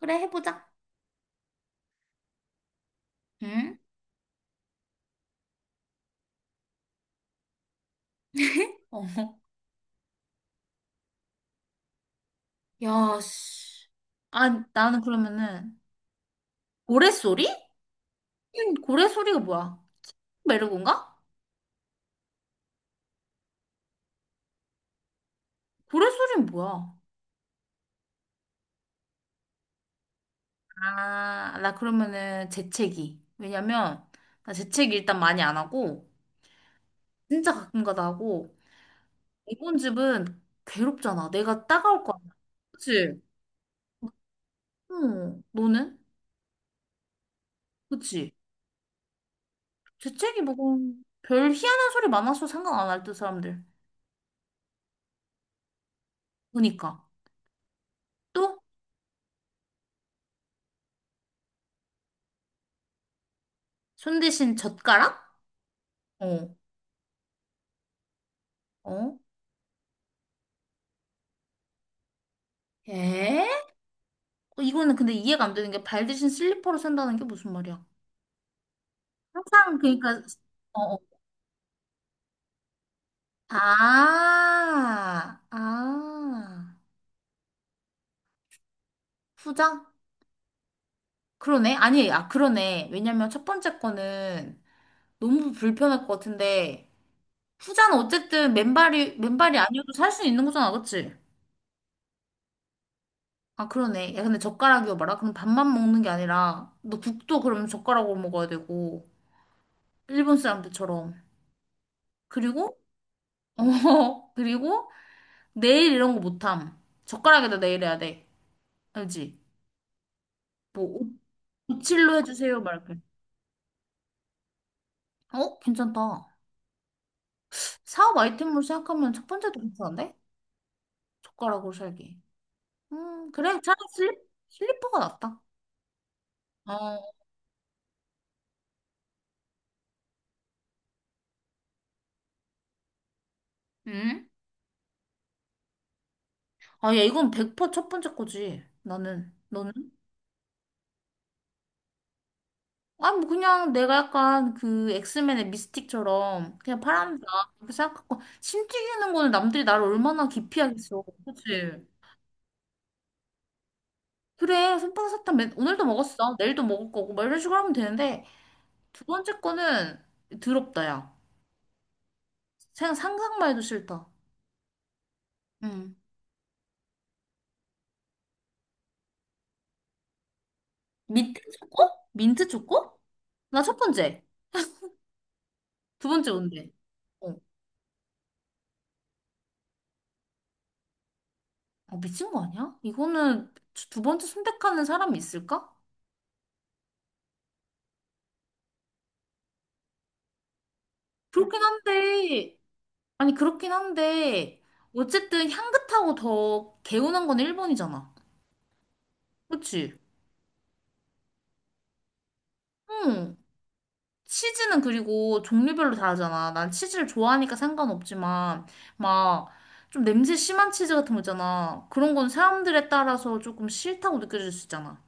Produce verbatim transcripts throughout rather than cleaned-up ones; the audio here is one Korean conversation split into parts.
그래, 해보자. 응? 어. 야, 씨. 아, 나는 그러면은, 고래소리? 응, 고래소리가 뭐야? 메르곤가? 고래소리는 뭐야? 아, 나 그러면은 재채기. 왜냐면, 나 재채기 일단 많이 안 하고, 진짜 가끔가다 하고, 이번 집은 괴롭잖아. 내가 따가울 거야. 그치? 응, 너는? 그치? 재채기 뭐, 별 희한한 소리 많아서 생각 안 할 듯, 사람들. 보니까. 또? 손 대신 젓가락? 어, 어? 에? 어, 이거는 근데 이해가 안 되는 게 발 대신 슬리퍼로 산다는 게 무슨 말이야? 항상 그러니까 어, 어. 아, 아, 후자? 그러네. 아니, 아, 그러네. 왜냐면 첫 번째 거는 너무 불편할 것 같은데, 후자는 어쨌든 맨발이, 맨발이 아니어도 살 수 있는 거잖아, 그치? 아, 그러네. 야, 근데 젓가락이어 봐라. 그럼 밥만 먹는 게 아니라, 너 국도 그러면 젓가락으로 먹어야 되고, 일본 사람들처럼. 그리고 어, 그리고 내일 이런 거 못함. 젓가락에다 내일 해야 돼. 알지? 뭐, 오- 칠로 해주세요, 말게. 어, 괜찮다. 사업 아이템으로 생각하면 첫 번째도 괜찮은데? 젓가락으로 살기. 음, 그래. 차라리 슬리, 슬리퍼가 낫다. 어, 응? 아, 야, 이건 백 퍼센트 첫 번째 거지. 나는. 너는? 아, 뭐, 그냥 내가 약간 그 엑스맨의 미스틱처럼 그냥 파란다. 그렇게 생각하고, 심 튀기는 거는 남들이 나를 얼마나 기피하겠어. 그치? 그래, 솜방사탕 맨, 오늘도 먹었어. 내일도 먹을 거고. 막 이런 식으로 하면 되는데, 두 번째 거는 더럽다, 야. 생각, 상상만 해도 싫다. 응. 민트 초코? 민트 초코? 나 첫 번째. 두 번째 뭔데? 어. 아, 미친 거 아니야? 이거는 두 두 번째 선택하는 사람이 있을까? 그렇긴 한데, 아니, 그렇긴 한데, 어쨌든 향긋하고 더 개운한 건 일 번이잖아. 그치? 응. 치즈는 그리고 종류별로 다르잖아. 난 치즈를 좋아하니까 상관없지만, 막, 좀 냄새 심한 치즈 같은 거 있잖아. 그런 건 사람들에 따라서 조금 싫다고 느껴질 수 있잖아.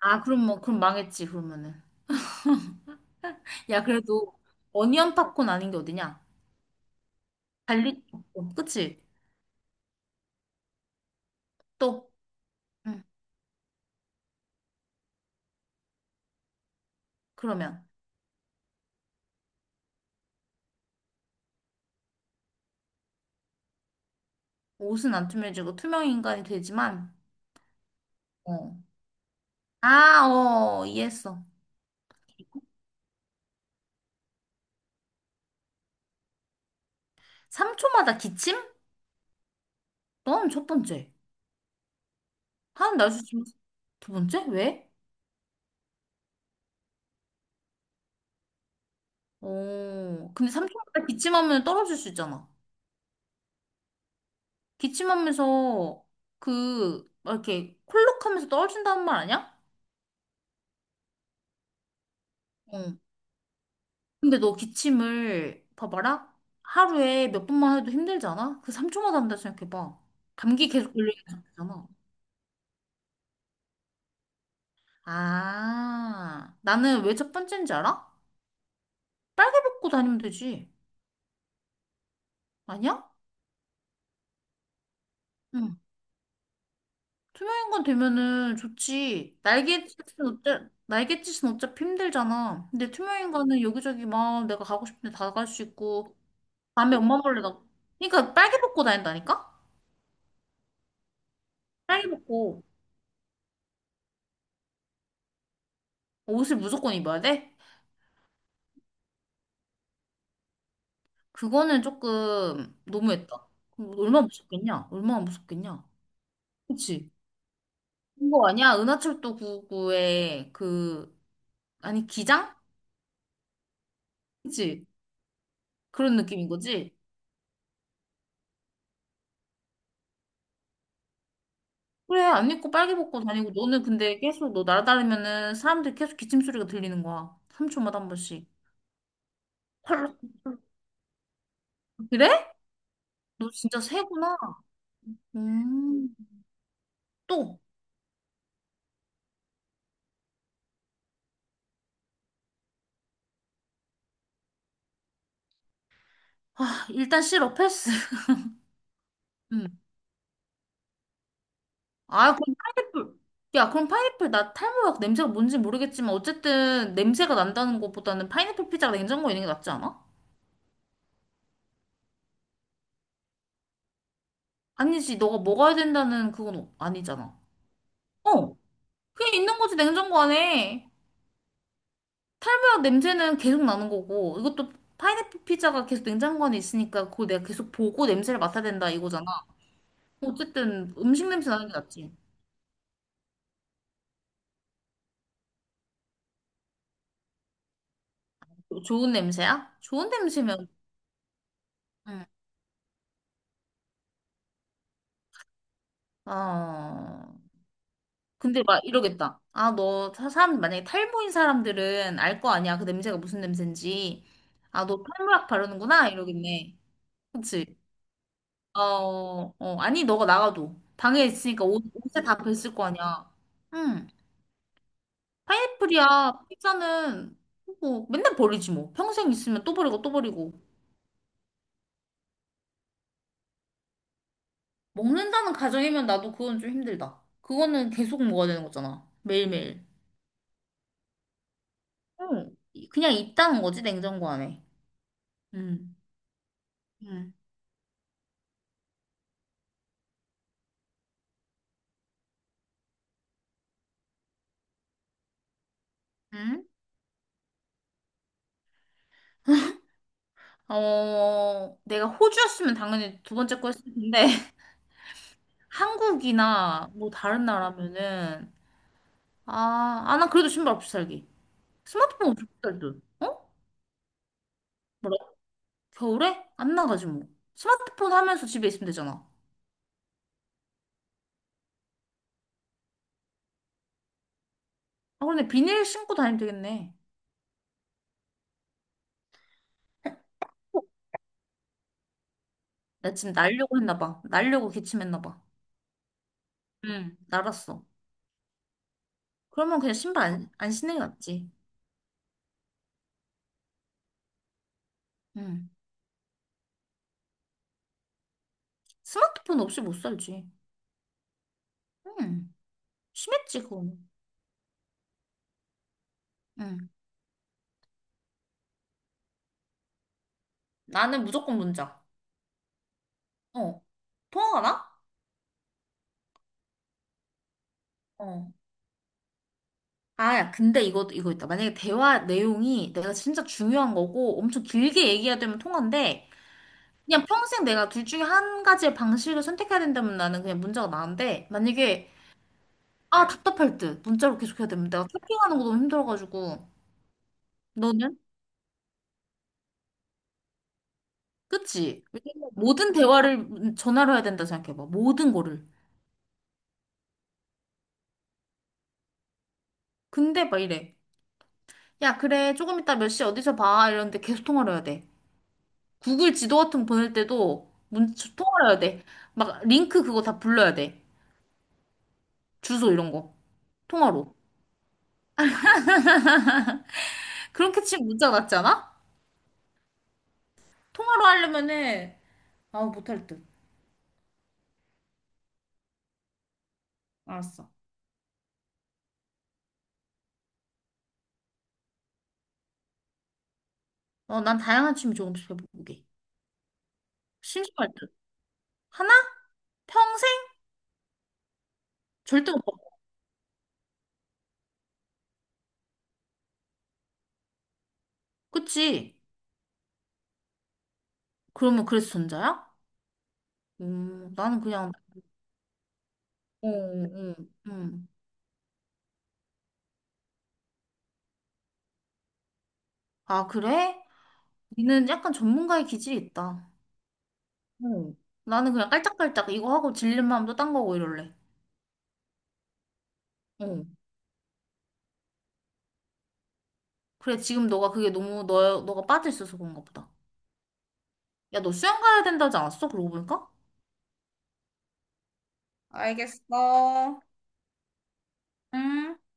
아, 그럼 뭐, 그럼 망했지, 그러면은. 야, 그래도, 어니언 팝콘 아닌 게 어디냐? 갈릭 팝콘, 그치? 또, 응, 그러면. 옷은 안 투명해지고 투명 인간이 되지만, 어. 아, 어, 이해했어. 삼 초마다 기침? 넌 첫 번째. 하는 날씨 지면두 번째? 왜? 어, 근데 삼촌보다 기침하면 떨어질 수 있잖아. 기침하면서 그, 막 이렇게 콜록하면서 떨어진다는 말 아니야? 응. 근데 너 기침을, 봐봐라. 하루에 몇 번만 해도 힘들잖아? 그 삼 초마다 한다 생각해봐. 감기 계속 걸리는 상태잖아. 아, 나는 왜 첫 번째인지 알아? 빨개 벗고 다니면 되지. 아니야? 응. 투명인간 되면은 좋지. 날갯짓은 어째, 날갯짓은 어차피 힘들잖아. 근데 투명인간은 여기저기 막 내가 가고 싶은데 다 갈 수 있고, 밤에 엄마 몰래 나, 그러니까 빨개 벗고 다닌다니까? 빨개 벗고 옷을 무조건 입어야 돼? 그거는 조금 너무했다. 그럼 얼마나 무섭겠냐? 얼마나 무섭겠냐? 그치? 그거 아니야? 은하철도 구9 구의 그, 아니, 기장? 그치? 그런 느낌인 거지? 그래, 안 입고 빨개 벗고 다니고, 너는 근데 계속 너 날아다니면은 사람들이 계속 기침 소리가 들리는 거야. 삼 초마다 한 번씩. 펄럭, 펄럭. 그래? 너 진짜 새구나. 음, 또. 아, 일단 싫어, 패스. 음. 아, 그럼 파인애플. 야, 그럼 파인애플 나 탈모약 냄새가 뭔지 모르겠지만, 어쨌든 냄새가 난다는 것보다는 파인애플 피자가 냉장고에 있는 게 낫지 않아? 아니지, 너가 먹어야 된다는 그건 아니잖아. 어, 그냥 있는 거지, 냉장고 안에. 탈모약 냄새는 계속 나는 거고, 이것도 파인애플 피자가 계속 냉장고 안에 있으니까 그걸 내가 계속 보고 냄새를 맡아야 된다 이거잖아. 어쨌든 음식 냄새 나는 게 낫지. 좋은 냄새야? 좋은 냄새면, 응. 어, 근데 막 이러겠다. 아, 너, 사- 사람, 만약에 탈모인 사람들은 알 거 아니야. 그 냄새가 무슨 냄새인지. 아, 너 탈모약 바르는구나? 이러겠네. 그치? 어, 어, 아니, 너가 나가도. 방에 있으니까 옷, 옷에 다 뱄을 거 아니야. 응. 파인애플이야. 피자는 뭐 맨날 버리지 뭐. 평생 있으면 또 버리고 또 버리고. 먹는다는 가정이면 나도 그건 좀 힘들다. 그거는 계속 먹어야 되는 거잖아. 매일매일. 응. 그냥 있다는 거지, 냉장고 안에. 응. 응. 응? 어, 내가 호주였으면 당연히 두 번째 거 했을 텐데, 한국이나 뭐 다른 나라면은, 아, 아, 나 그래도 신발 없이 살기. 스마트폰 없이 살기. 어? 뭐라? 겨울에? 안 나가지 뭐. 스마트폰 하면서 집에 있으면 되잖아. 아, 근데 비닐 신고 다니면 되겠네. 나 지금 날려고 했나 봐. 날려고 기침했나 봐. 응, 날았어. 그러면 그냥 신발 안, 안 신는 게 낫지. 응. 스마트폰 없이 못 살지. 응. 심했지, 그거는. 응. 나는 무조건 문자. 어. 통화가 나? 어. 아, 야, 근데 이거, 이거 있다. 만약에 대화 내용이 내가 진짜 중요한 거고 엄청 길게 얘기해야 되면 통화인데 그냥 평생 내가 둘 중에 한 가지의 방식을 선택해야 된다면 나는 그냥 문자가 나은데 만약에 아, 답답할 듯. 문자로 계속 해야 되는데. 내가 채팅하는 거 너무 힘들어가지고. 너는? 그치? 왜냐면 모든 대화를 전화로 해야 된다 생각해봐. 모든 거를. 근데 막 이래. 야, 그래. 조금 이따 몇 시에 어디서 봐. 이러는데 계속 통화를 해야 돼. 구글 지도 같은 거 보낼 때도 문, 통화를 해야 돼. 막 링크 그거 다 불러야 돼. 주소 이런 거. 통화로. 그렇게 치면 문자가 낫지 않아? 통화로 하려면은, 아, 못할 듯. 알았어. 어, 난 다양한 취미 조금씩 해보게. 심심할 듯. 하나? 평생? 절대 못. 그치? 그러면 그래서 전자야? 음, 나는 그냥, 어, 어, 음. 아, 그래? 니는 약간 전문가의 기질이 있다. 어. 나는 그냥 깔짝깔짝 이거 하고 질린 마음도 딴 거고 이럴래. 어. 그래, 지금 너가 그게 너무, 너, 너가 빠져있어서 그런가 보다. 야, 너 수영 가야 된다지 않았어? 그러고 보니까? 알겠어. 응.